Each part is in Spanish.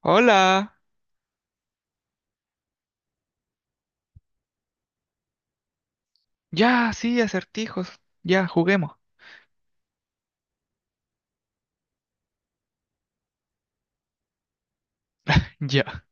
Hola. Ya, sí, acertijos. Ya, juguemos. Ya.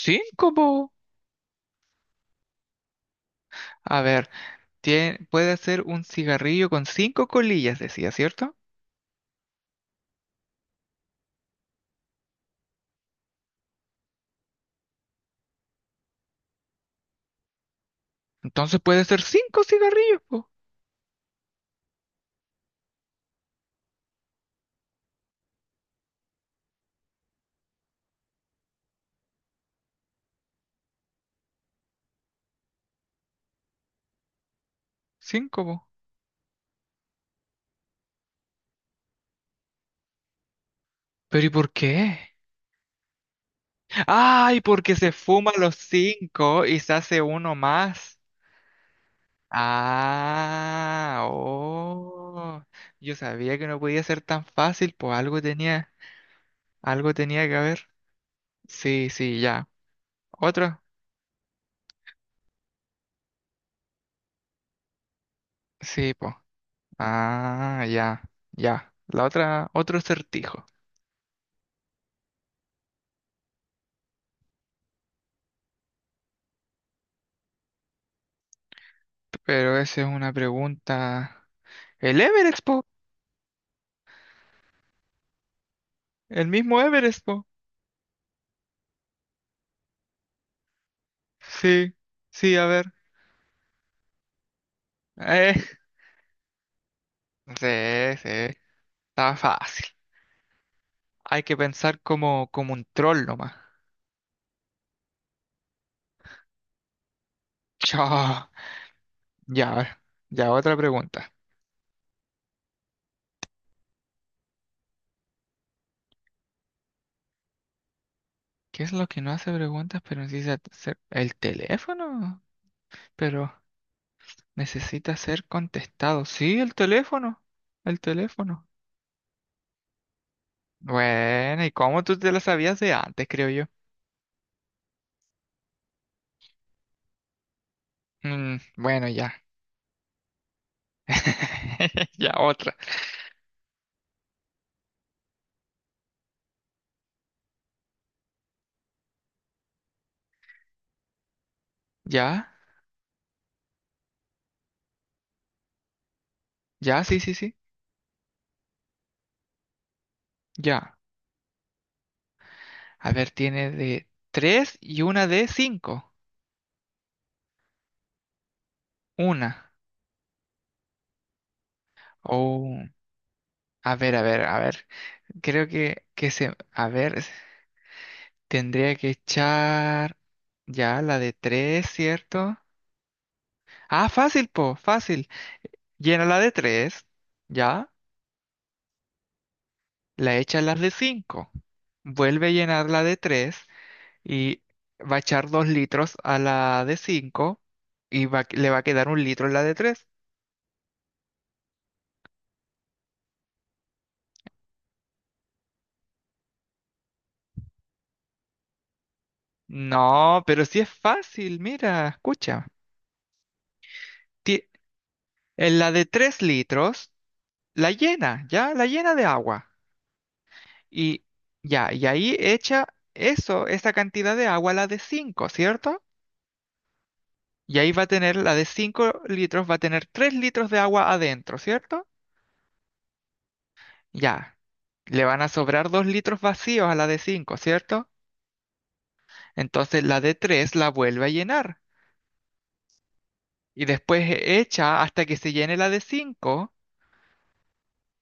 Cinco, po. A ver, puede ser un cigarrillo con cinco colillas, decía, ¿cierto? Entonces puede ser cinco cigarrillos, po. Cinco, po. ¿Pero y por qué? Ay, porque se fuma los cinco y se hace uno más. Ah, oh. Yo sabía que no podía ser tan fácil, pues algo tenía que haber. Sí, sí, ya. Otro. Sí, pues. Ah, ya, ya. La otra, otro acertijo. Pero esa es una pregunta. El Everest, po. El mismo Everest, po. Sí, sí, a ver. Eh, sí, sí. Está fácil. Hay que pensar como, como un troll nomás. Chao. Ya, a ver, ya, otra pregunta. ¿Qué es lo que no hace preguntas, pero necesita hacer el teléfono? Pero necesita ser contestado. Sí, el teléfono. El teléfono. Bueno, ¿y cómo tú te la sabías de antes, creo yo? Mm, bueno, ya. Ya, otra. Ya, ya, sí, sí, sí. Ya. A ver, tiene de tres y una de cinco. Una. Oh, a ver, a ver, a ver. Creo que se. A ver, tendría que echar. Ya, la de tres, ¿cierto? Ah, fácil, po, fácil. Llena la de tres. Ya. La echa la de cinco. Vuelve a llenar la de tres. Y va a echar dos litros a la de cinco y le va a quedar un litro en la de tres. No, pero sí es fácil, mira, escucha. Ti- En la de tres litros, la llena, ya, la llena de agua. Y ya, y ahí echa eso, esa cantidad de agua a la de cinco, ¿cierto? Y ahí va a tener la de cinco litros, va a tener tres litros de agua adentro, ¿cierto? Ya. Le van a sobrar dos litros vacíos a la de cinco, ¿cierto? Entonces la de 3 la vuelve a llenar y después echa hasta que se llene la de 5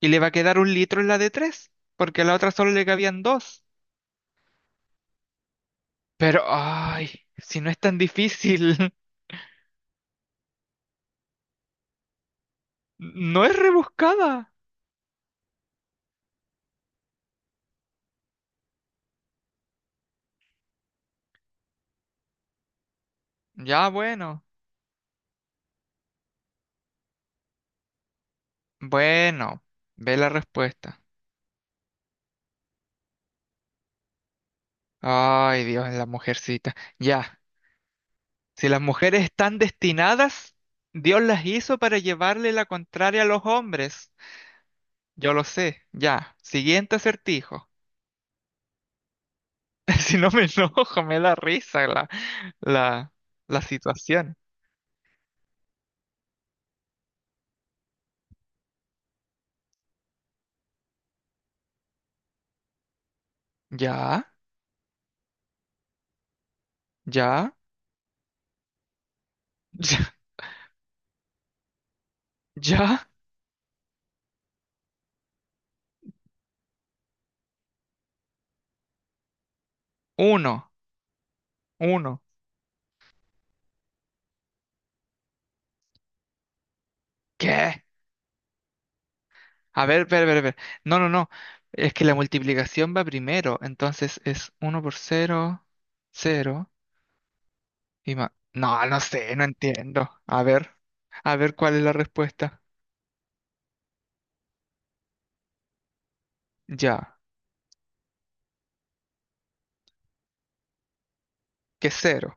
y le va a quedar un litro en la de tres porque a la otra solo le cabían dos. Pero, ay, si no es tan difícil, no es rebuscada. Ya, bueno, ve la respuesta. Ay, Dios, la mujercita. Ya, si las mujeres están destinadas, Dios las hizo para llevarle la contraria a los hombres. Yo lo sé, ya. Siguiente acertijo. Si no me enojo, me da risa la, la, la situación. Ya, ya, ya, ya. Uno, uno. ¿Qué? A ver, ver, ver, ver. No, no, no. Es que la multiplicación va primero. Entonces es uno por cero, cero y más. No, no sé, no entiendo. A ver cuál es la respuesta. Ya, que cero.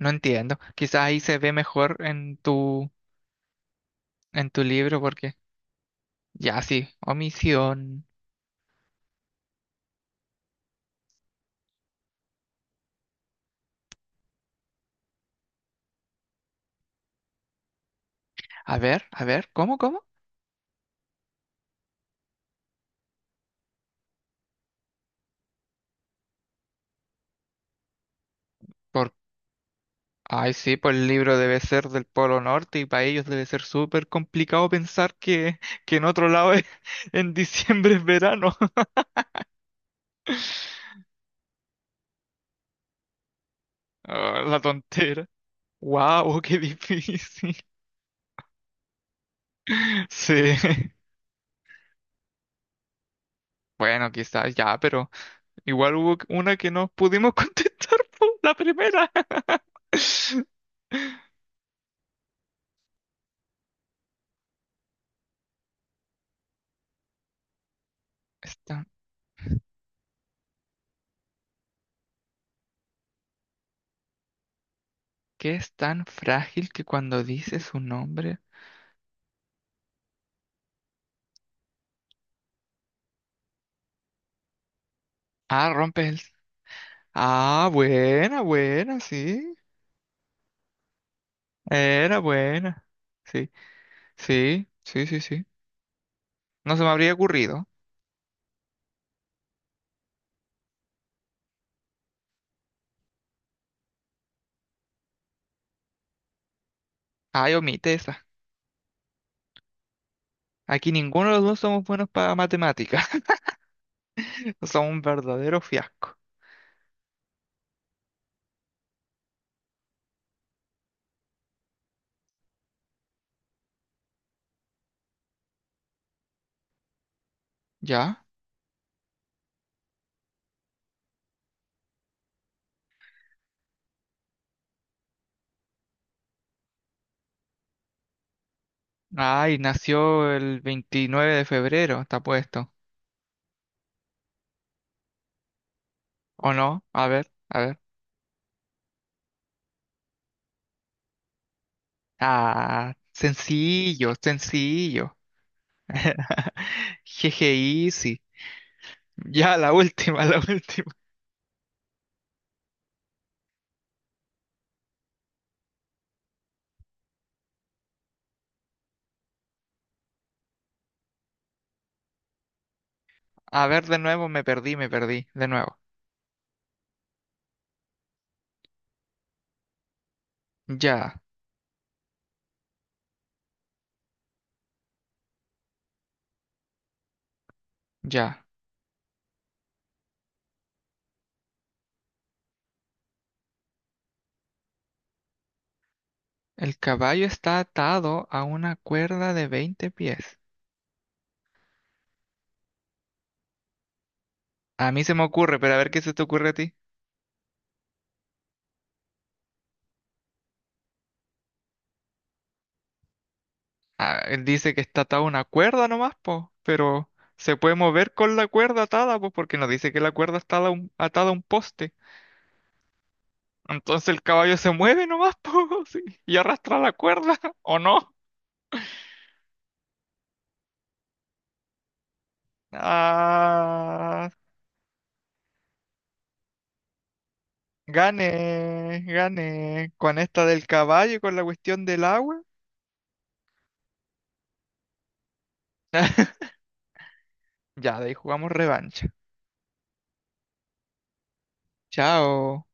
No entiendo. Quizás ahí se ve mejor en tu libro porque ya sí, omisión. A ver, ¿cómo, cómo? Por... Ay, sí, pues el libro debe ser del Polo Norte y para ellos debe ser súper complicado pensar que en otro lado en diciembre es verano. Ah, la tontera. ¡Wow! ¡Qué difícil! Sí. Bueno, quizás ya, pero igual hubo una que no pudimos contestar por la primera. Es tan- ¿Qué es tan frágil que cuando dices un nombre... Ah, rompes el... Ah, buena, buena, sí. Era buena. Sí, sí, sí, sí, sí. No se me habría ocurrido. Ay, omite esa. Aquí ninguno de los dos somos buenos para matemáticas. Somos un verdadero fiasco. ¿Ya? Ay, nació el 29 de febrero, está puesto. ¿O no? A ver, a ver. Ah, sencillo, sencillo. Jeje, easy. Ya, la última, la última. A ver, de nuevo, me perdí, me perdí. De nuevo. Ya, ya. El caballo está atado a una cuerda de 20 pies. A mí se me ocurre, pero a ver qué se te ocurre a ti. Ah, él dice que está atado a una cuerda nomás, po, pero se puede mover con la cuerda atada, pues, porque nos dice que la cuerda está atada a un poste. Entonces el caballo se mueve nomás, po, sí, y arrastra la cuerda, ¿o no? Ah, gané, gané. Con esta del caballo y con la cuestión del agua. Ya, de ahí jugamos revancha. Chao.